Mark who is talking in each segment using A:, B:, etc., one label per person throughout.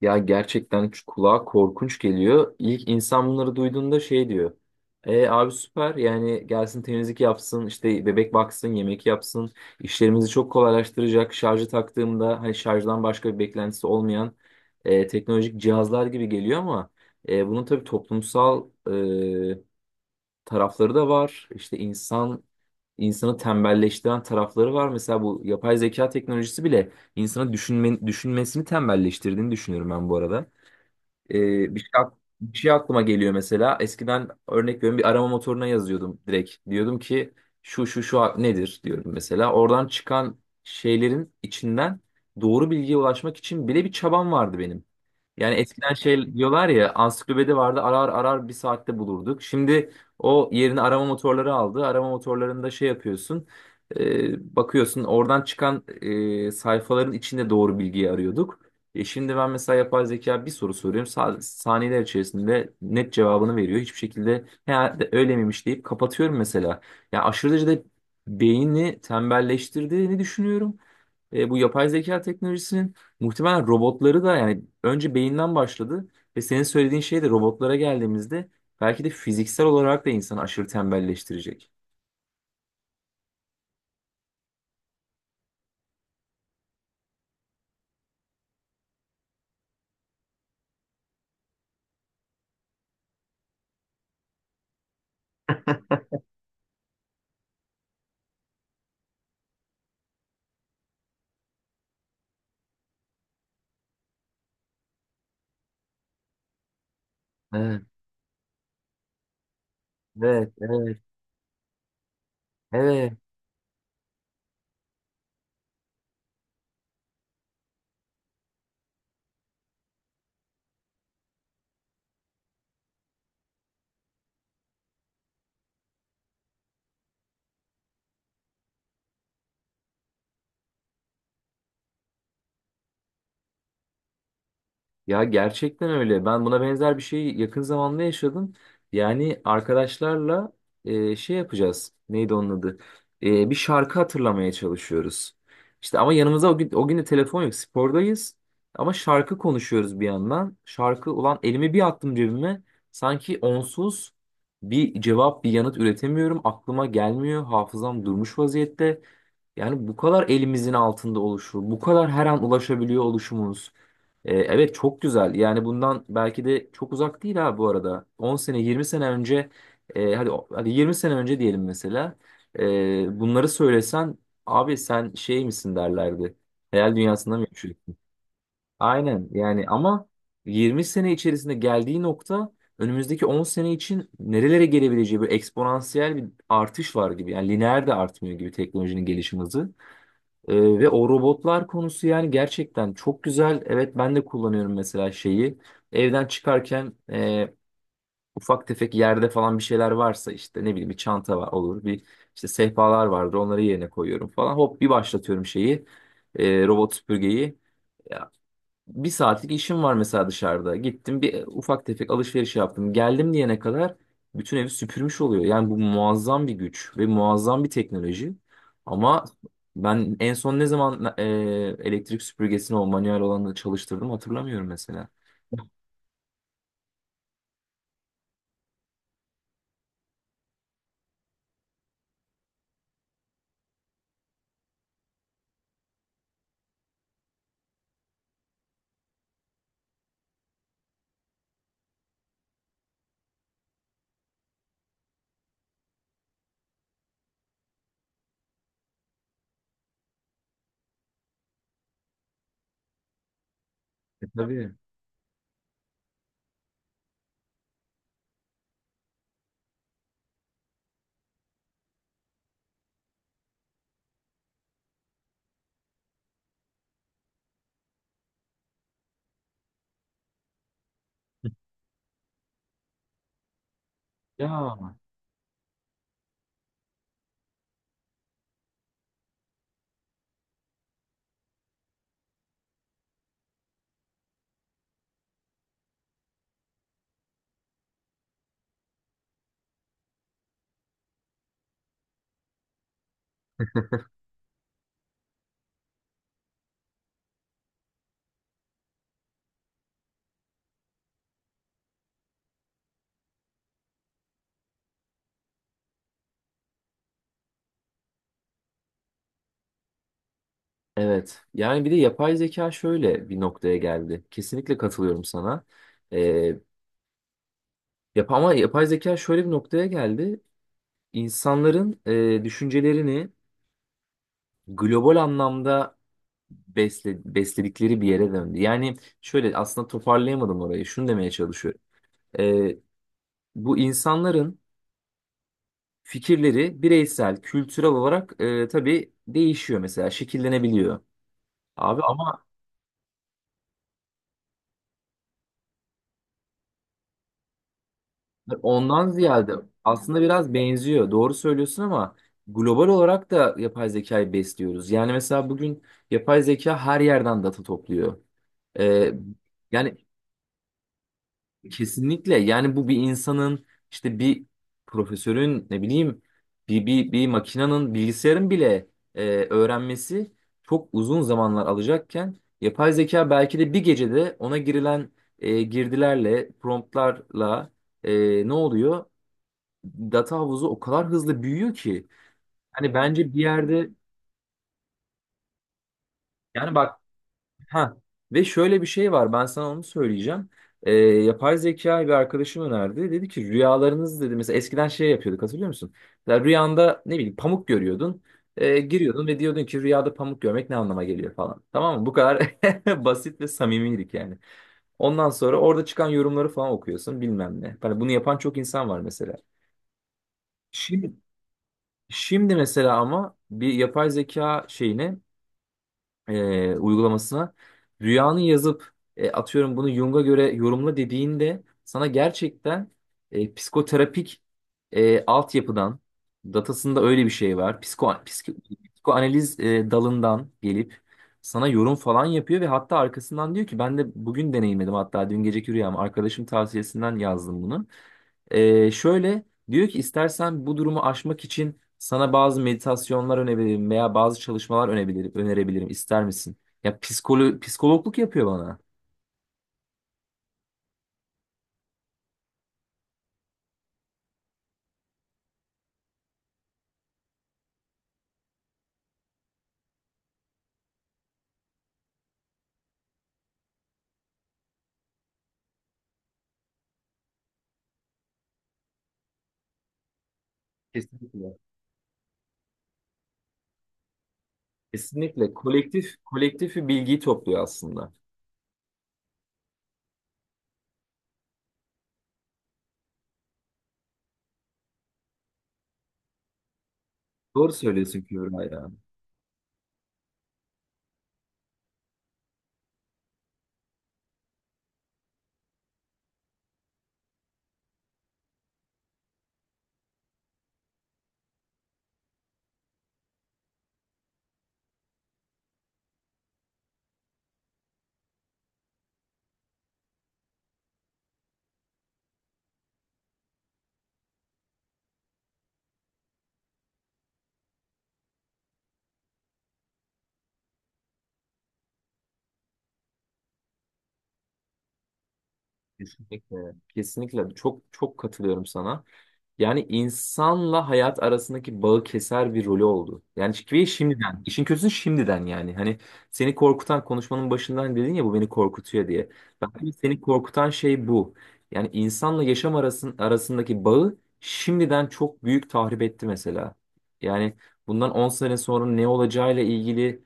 A: Ya gerçekten şu kulağa korkunç geliyor. İlk insan bunları duyduğunda şey diyor. E abi süper yani gelsin temizlik yapsın işte bebek baksın yemek yapsın işlerimizi çok kolaylaştıracak şarjı taktığımda hani şarjdan başka bir beklentisi olmayan teknolojik cihazlar gibi geliyor ama bunun tabii toplumsal tarafları da var. İşte insan insanı tembelleştiren tarafları var. Mesela bu yapay zeka teknolojisi bile insanı düşünmesini tembelleştirdiğini düşünüyorum ben bu arada. Ee, bir şey, ak- bir şey aklıma geliyor mesela. Eskiden örnek veriyorum bir arama motoruna yazıyordum direkt. Diyordum ki şu şu şu nedir diyorum mesela. Oradan çıkan şeylerin içinden doğru bilgiye ulaşmak için bile bir çabam vardı benim. Yani eskiden şey diyorlar ya, ansiklopedi vardı, arar arar bir saatte bulurduk. Şimdi o yerini arama motorları aldı. Arama motorlarında şey yapıyorsun. Bakıyorsun oradan çıkan sayfaların içinde doğru bilgiyi arıyorduk. Şimdi ben mesela yapay zeka bir soru soruyorum. Saniyeler içerisinde net cevabını veriyor. Hiçbir şekilde herhalde öyle miymiş deyip kapatıyorum mesela. Ya aşırı derecede beyni tembelleştirdiğini düşünüyorum. Bu yapay zeka teknolojisinin muhtemelen robotları da, yani önce beyinden başladı ve senin söylediğin şey de robotlara geldiğimizde belki de fiziksel olarak da insanı aşırı tembelleştirecek. Evet, evet, evet, evet. Ya gerçekten öyle. Ben buna benzer bir şeyi yakın zamanda yaşadım. Yani arkadaşlarla şey yapacağız. Neydi onun adı? Bir şarkı hatırlamaya çalışıyoruz. İşte ama yanımıza o gün de telefon yok. Spordayız. Ama şarkı konuşuyoruz bir yandan. Şarkı ulan elimi bir attım cebime. Sanki onsuz bir cevap, bir yanıt üretemiyorum. Aklıma gelmiyor. Hafızam durmuş vaziyette. Yani bu kadar elimizin altında oluşu, bu kadar her an ulaşabiliyor oluşumuz. Evet çok güzel. Yani bundan belki de çok uzak değil ha bu arada. 10 sene, 20 sene önce, hadi hadi 20 sene önce diyelim mesela. Bunları söylesen abi sen şey misin derlerdi. Hayal dünyasında mı yaşıyorsun? Aynen yani, ama 20 sene içerisinde geldiği nokta, önümüzdeki 10 sene için nerelere gelebileceği, bir eksponansiyel bir artış var gibi. Yani lineer de artmıyor gibi teknolojinin gelişim hızı. Ve o robotlar konusu, yani gerçekten çok güzel. Evet ben de kullanıyorum mesela şeyi. Evden çıkarken ufak tefek yerde falan bir şeyler varsa, işte ne bileyim bir çanta var olur, bir işte sehpalar vardır, onları yerine koyuyorum falan. Hop bir başlatıyorum şeyi, robot süpürgeyi. Bir saatlik işim var mesela dışarıda. Gittim, bir ufak tefek alışveriş yaptım. Geldim diyene kadar bütün evi süpürmüş oluyor. Yani bu muazzam bir güç ve muazzam bir teknoloji. Ama ben en son ne zaman elektrik süpürgesini, o manuel olanı çalıştırdım, hatırlamıyorum mesela. Tabii. Ya. Evet. Yani bir de yapay zeka şöyle bir noktaya geldi. Kesinlikle katılıyorum sana. Ee, yap ama yapay zeka şöyle bir noktaya geldi. İnsanların düşüncelerini global anlamda besledikleri bir yere döndü. Yani şöyle, aslında toparlayamadım orayı. Şunu demeye çalışıyorum. Ee, bu insanların fikirleri bireysel, kültürel olarak tabii değişiyor mesela, şekillenebiliyor. Abi ama ondan ziyade aslında biraz benziyor. Doğru söylüyorsun ama global olarak da yapay zekayı besliyoruz. Yani mesela bugün yapay zeka her yerden data topluyor. Ee, yani kesinlikle, yani bu bir insanın, işte bir profesörün, ne bileyim, bir makinenin, bilgisayarın bile öğrenmesi çok uzun zamanlar alacakken yapay zeka belki de bir gecede ona girilen girdilerle, promptlarla, ne oluyor? Data havuzu o kadar hızlı büyüyor ki, hani bence bir yerde, yani bak. Ha, ve şöyle bir şey var, ben sana onu söyleyeceğim. Yapay zekayı bir arkadaşım önerdi. Dedi ki rüyalarınız dedi mesela, eskiden şey yapıyorduk hatırlıyor musun? Ya rüyanda ne bileyim pamuk görüyordun. Giriyordun ve diyordun ki rüyada pamuk görmek ne anlama geliyor falan. Tamam mı? Bu kadar basit ve samimiydik yani. Ondan sonra orada çıkan yorumları falan okuyorsun, bilmem ne. Hani bunu yapan çok insan var mesela. Şimdi, şimdi mesela ama bir yapay zeka şeyine, uygulamasına rüyanı yazıp atıyorum bunu Jung'a göre yorumla dediğinde sana gerçekten psikoterapik altyapıdan, datasında öyle bir şey var. Psikoanaliz dalından gelip sana yorum falan yapıyor ve hatta arkasından diyor ki ben de bugün deneyimledim, hatta dün geceki rüyamı arkadaşım tavsiyesinden yazdım bunu. Şöyle diyor ki istersen bu durumu aşmak için sana bazı meditasyonlar önebilirim veya bazı çalışmalar önerebilirim. İster misin? Ya psikologluk yapıyor bana. Kesinlikle. Kesinlikle. Kolektif kolektif bir bilgiyi topluyor aslında. Doğru söylüyorsun Kübra ya. Kesinlikle. Kesinlikle. Çok çok katılıyorum sana. Yani insanla hayat arasındaki bağı keser bir rolü oldu. Yani ve şimdiden, işin kötüsü şimdiden yani. Hani seni korkutan, konuşmanın başından dedin ya bu beni korkutuyor diye. Bence seni korkutan şey bu. Yani insanla yaşam arasındaki bağı şimdiden çok büyük tahrip etti mesela. Yani bundan 10 sene sonra ne olacağıyla ilgili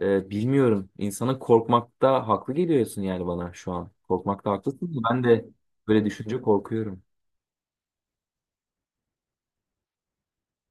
A: bilmiyorum. İnsanın korkmakta haklı geliyorsun yani bana şu an. Korkmakta haklısın. Ben de böyle düşünce korkuyorum.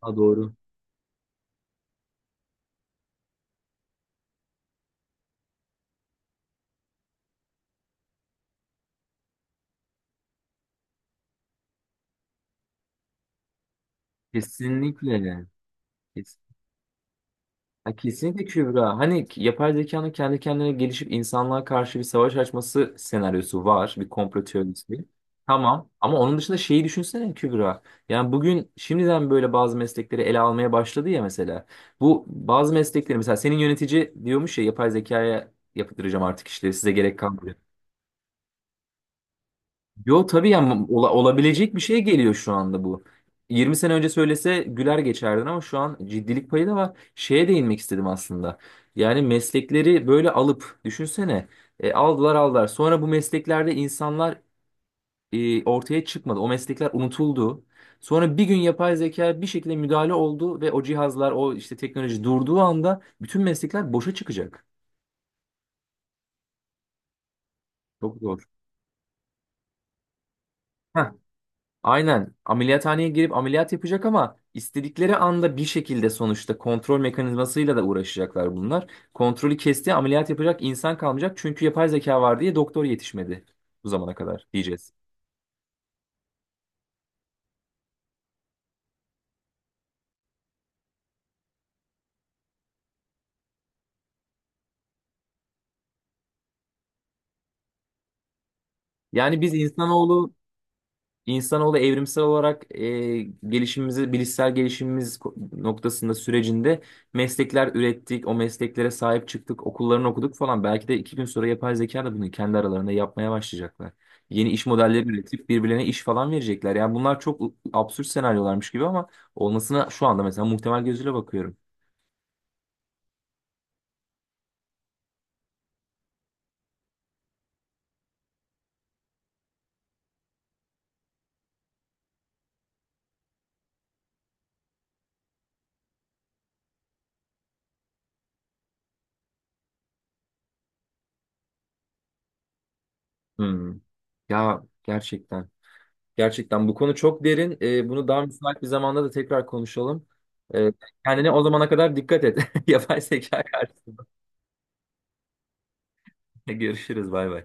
A: Ha doğru. Kesinlikle. Kes- Ha, kesinlikle Kübra. Hani yapay zekanın kendi kendine gelişip insanlığa karşı bir savaş açması senaryosu var. Bir komplo teorisi. Tamam. Ama onun dışında şeyi düşünsene Kübra. Yani bugün şimdiden böyle bazı meslekleri ele almaya başladı ya mesela. Bu bazı meslekleri, mesela senin yönetici diyormuş ya, yapay zekaya yaptıracağım artık işleri, size gerek kalmadı. Yo tabii ya, olabilecek bir şey geliyor şu anda bu. 20 sene önce söylese güler geçerdin ama şu an ciddilik payı da var. Şeye değinmek istedim aslında. Yani meslekleri böyle alıp düşünsene, aldılar aldılar. Sonra bu mesleklerde insanlar ortaya çıkmadı. O meslekler unutuldu. Sonra bir gün yapay zeka bir şekilde müdahale oldu ve o cihazlar, o işte teknoloji durduğu anda bütün meslekler boşa çıkacak. Çok zor. Aynen, ameliyathaneye girip ameliyat yapacak, ama istedikleri anda bir şekilde sonuçta kontrol mekanizmasıyla da uğraşacaklar bunlar. Kontrolü kesti, ameliyat yapacak insan kalmayacak çünkü yapay zeka var diye doktor yetişmedi bu zamana kadar diyeceğiz. Yani biz insanoğlu. İnsanoğlu evrimsel olarak gelişimimizi, bilişsel gelişimimiz noktasında sürecinde meslekler ürettik, o mesleklere sahip çıktık, okullarını okuduk falan. Belki de 2 gün sonra yapay zeka da bunu kendi aralarında yapmaya başlayacaklar. Yeni iş modelleri üretip birbirlerine iş falan verecekler. Yani bunlar çok absürt senaryolarmış gibi ama olmasına şu anda mesela muhtemel gözüyle bakıyorum. Hmm. Ya gerçekten. Gerçekten bu konu çok derin. Bunu daha müsait bir zamanda da tekrar konuşalım. Ee, kendine o zamana kadar dikkat et. Yapay zeka karşısında. Görüşürüz. Bay bay.